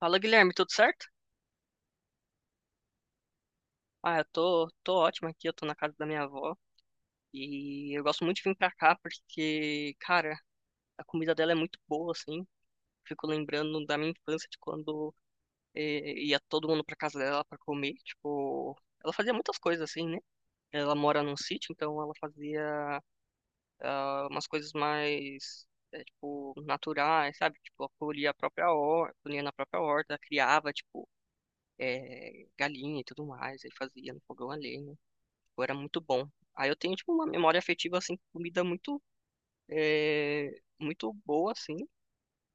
Fala, Guilherme, tudo certo? Ah, eu tô ótimo aqui, eu tô na casa da minha avó e eu gosto muito de vir pra cá porque, cara, a comida dela é muito boa, assim. Fico lembrando da minha infância de quando ia todo mundo pra casa dela pra comer, tipo, ela fazia muitas coisas assim, né? Ela mora num sítio, então ela fazia ah, umas coisas mais, tipo, naturais, sabe? Tipo, ela colhia a própria horta, colhia na própria horta, criava, tipo, galinha e tudo mais, aí fazia no fogão a lenha. Pô, era muito bom. Aí eu tenho, tipo, uma memória afetiva, assim, com comida muito, é, muito boa, assim.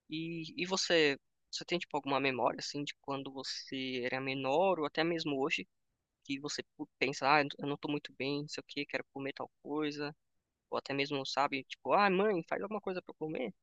E você, você tem, tipo, alguma memória, assim, de quando você era menor ou até mesmo hoje, que você pensa, ah, eu não tô muito bem, não sei o quê, quero comer tal coisa. Ou até mesmo, sabe, tipo, ah, mãe, faz alguma coisa pra eu comer.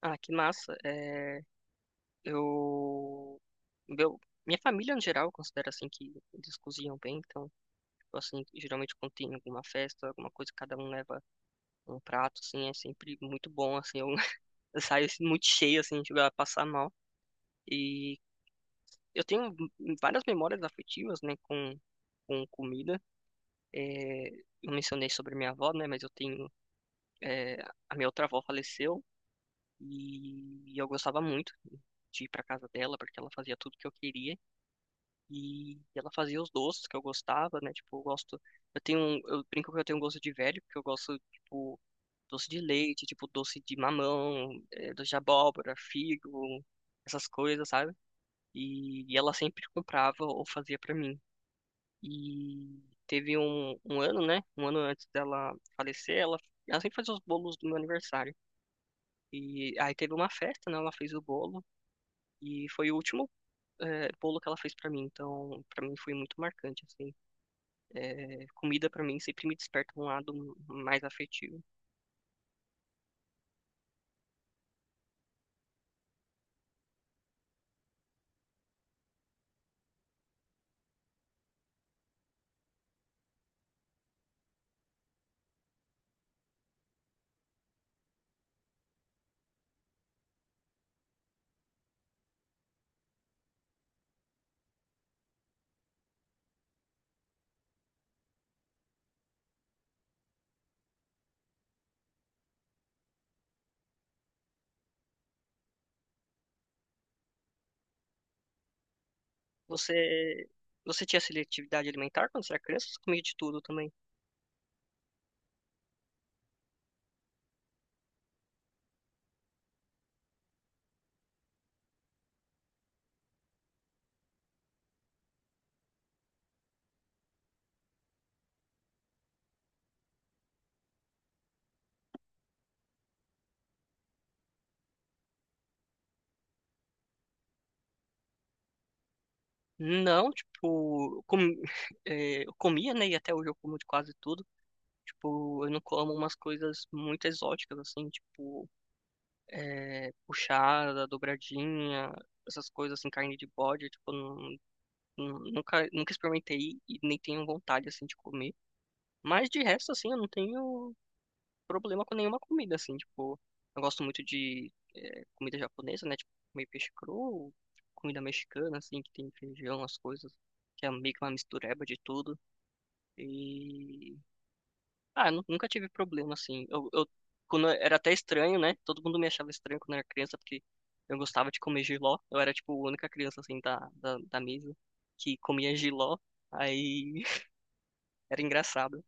Ah, que massa. Eu... Meu, minha família, no geral, considera, assim, que eles cozinham bem, então... Tipo assim, geralmente quando tem alguma festa, alguma coisa, cada um leva um prato, assim, é sempre muito bom, assim, eu, eu saio assim, muito cheio, assim, chego a passar mal. E eu tenho várias memórias afetivas, né, com comida. É, eu mencionei sobre minha avó, né, mas eu tenho, é, a minha outra avó faleceu e eu gostava muito de ir para casa dela, porque ela fazia tudo que eu queria. E ela fazia os doces que eu gostava, né? Tipo, eu gosto. Eu brinco que eu tenho um gosto de velho, porque eu gosto, tipo, doce de leite, tipo, doce de mamão, doce de abóbora, figo, essas coisas, sabe? E ela sempre comprava ou fazia pra mim. E teve um ano, né? Um ano antes dela falecer, ela sempre fazia os bolos do meu aniversário. E aí teve uma festa, né? Ela fez o bolo. E foi o último, bolo que ela fez pra mim. Então, pra mim foi muito marcante, assim. É, comida pra mim sempre me desperta um lado mais afetivo. Você, você tinha seletividade alimentar quando você era criança? Ou você comia de tudo também? Não, tipo, com, é, eu comia, né? E até hoje eu como de quase tudo. Tipo, eu não como umas coisas muito exóticas, assim, tipo, puxada, dobradinha, essas coisas, assim, carne de bode, tipo, nunca experimentei e nem tenho vontade, assim, de comer. Mas de resto, assim, eu não tenho problema com nenhuma comida, assim, tipo, eu gosto muito de comida japonesa, né? Tipo, comer peixe cru, comida mexicana, assim, que tem feijão, as coisas, que é meio que uma mistureba de tudo. E. Ah, nunca tive problema, assim. Era até estranho, né? Todo mundo me achava estranho quando eu era criança, porque eu gostava de comer jiló. Eu era, tipo, a única criança, assim, da mesa que comia jiló. Aí era engraçado.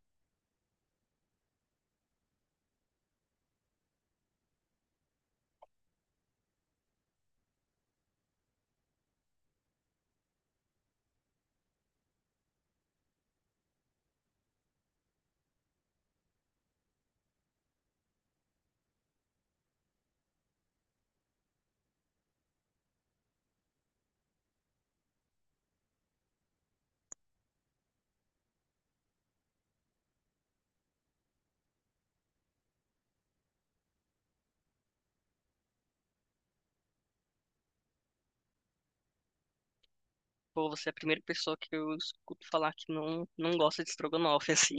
Pô, você é a primeira pessoa que eu escuto falar que não gosta de estrogonofe, assim.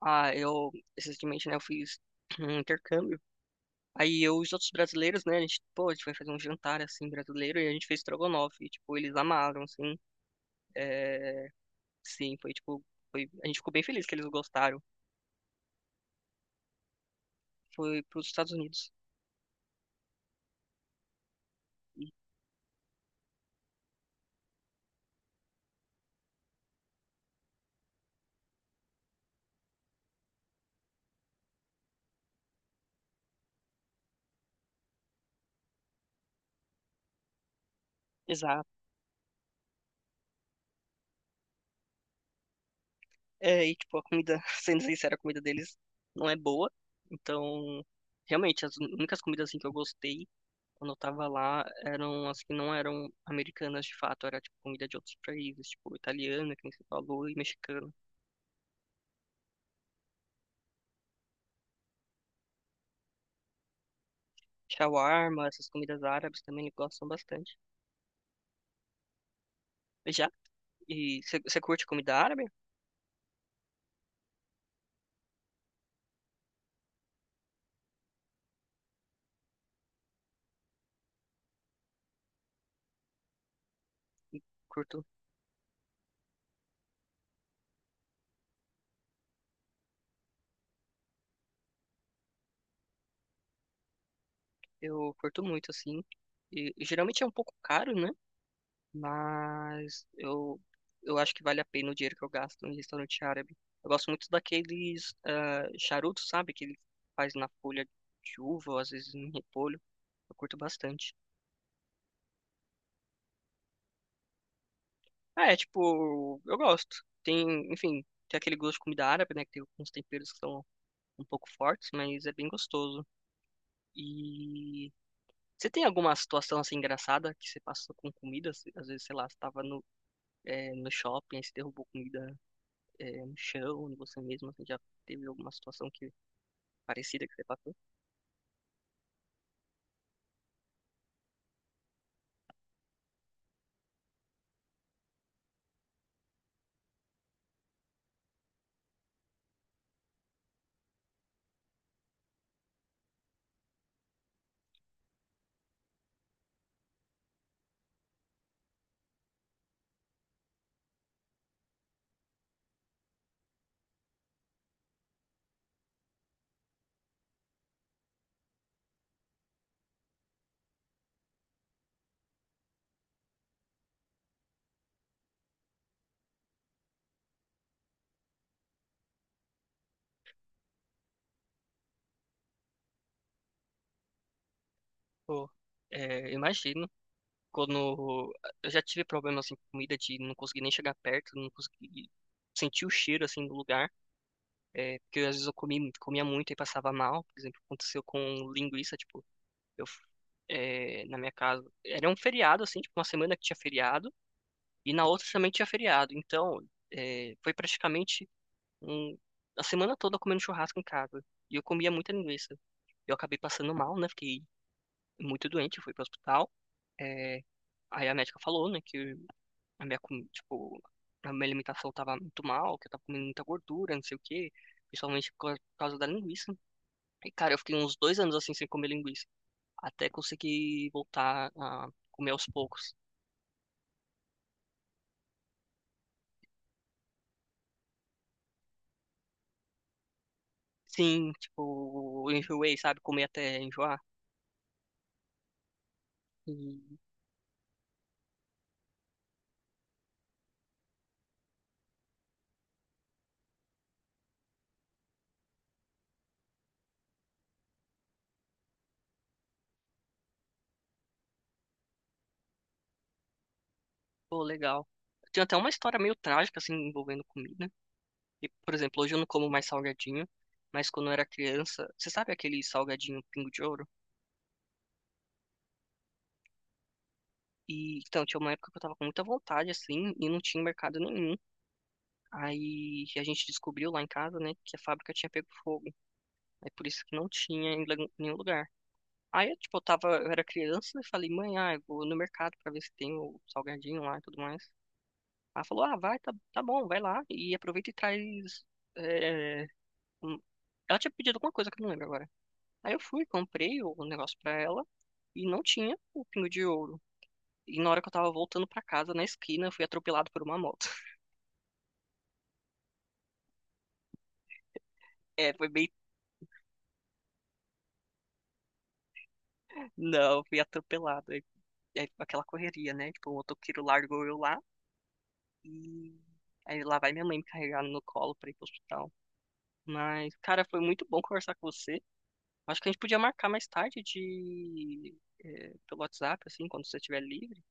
Ah, eu, recentemente, né, eu fiz um intercâmbio. Aí eu e os outros brasileiros, né, a gente, pô, a gente foi fazer um jantar, assim, brasileiro, e a gente fez estrogonofe, e, tipo, eles amaram, assim, é, sim, foi, tipo, foi, a gente ficou bem feliz que eles gostaram. Foi pros Estados Unidos. E- Exato. É, e, tipo, a comida, sendo sincero, a comida deles não é boa, então, realmente, as únicas comidas, assim, que eu gostei quando eu tava lá, eram as que não eram americanas de fato, era tipo comida de outros países, tipo italiana, que nem você falou, e mexicana. Shawarma, essas comidas árabes também eles gostam bastante. Já? E você curte comida árabe? Curto. Eu curto muito, assim. E geralmente é um pouco caro, né? Mas eu acho que vale a pena o dinheiro que eu gasto em restaurante árabe. Eu gosto muito daqueles ah, charutos, sabe? Que ele faz na folha de uva, ou às vezes em repolho. Eu curto bastante. Ah, é, tipo, eu gosto. Tem, enfim, tem aquele gosto de comida árabe, né? Que tem uns temperos que são um pouco fortes, mas é bem gostoso. E você tem alguma situação assim engraçada que você passou com comida? Às vezes, sei lá, você tava no, no shopping, aí você derrubou comida, no chão, em você mesmo, assim, já teve alguma situação que parecida que você passou? Pô, é, imagino. Quando eu já tive problema assim com comida de não conseguir nem chegar perto, não conseguir sentir o cheiro assim do lugar. É, porque às vezes comia muito e passava mal. Por exemplo, aconteceu com linguiça, tipo, eu, na minha casa. Era um feriado, assim, tipo, uma semana que tinha feriado, e na outra também tinha feriado. Então, foi praticamente um, a semana toda comendo churrasco em casa. E eu comia muita linguiça. Eu acabei passando mal, né? Fiquei muito doente, fui pro hospital. É, aí a médica falou, né, que a minha, comi- tipo, a minha alimentação tava muito mal, que eu tava comendo muita gordura, não sei o quê, principalmente por causa da linguiça. E, cara, eu fiquei uns dois anos assim sem comer linguiça. Até conseguir voltar a comer aos poucos. Sim, tipo, eu enjoei, sabe? Comer até enjoar. E, pô, legal. Tem até uma história meio trágica, assim, envolvendo comida. E, por exemplo, hoje eu não como mais salgadinho. Mas quando eu era criança, você sabe aquele salgadinho Pingo de Ouro? E, então, tinha uma época que eu tava com muita vontade, assim, e não tinha mercado nenhum. Aí a gente descobriu lá em casa, né, que a fábrica tinha pego fogo. Aí por isso que não tinha em nenhum lugar. Aí, eu, tipo, eu tava, eu era criança e falei, mãe, ah, eu vou no mercado pra ver se tem o salgadinho lá e tudo mais. Ela falou, ah, vai, tá bom, vai lá e aproveita e traz. é, um- Ela tinha pedido alguma coisa que eu não lembro agora. Aí eu fui, comprei o negócio pra ela e não tinha o pingo de ouro. E na hora que eu tava voltando pra casa, na esquina, eu fui atropelado por uma moto. É, foi bem. Não, eu fui atropelado. Aí foi aquela correria, né? Tipo, o motoqueiro largou eu lá e. Aí lá vai minha mãe me carregar no colo pra ir pro hospital. Mas, cara, foi muito bom conversar com você. Acho que a gente podia marcar mais tarde de pelo WhatsApp, assim, quando você estiver livre.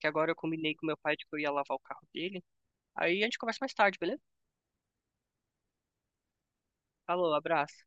Que agora eu combinei com meu pai de que eu ia lavar o carro dele. Aí a gente conversa mais tarde, beleza? Falou, abraço.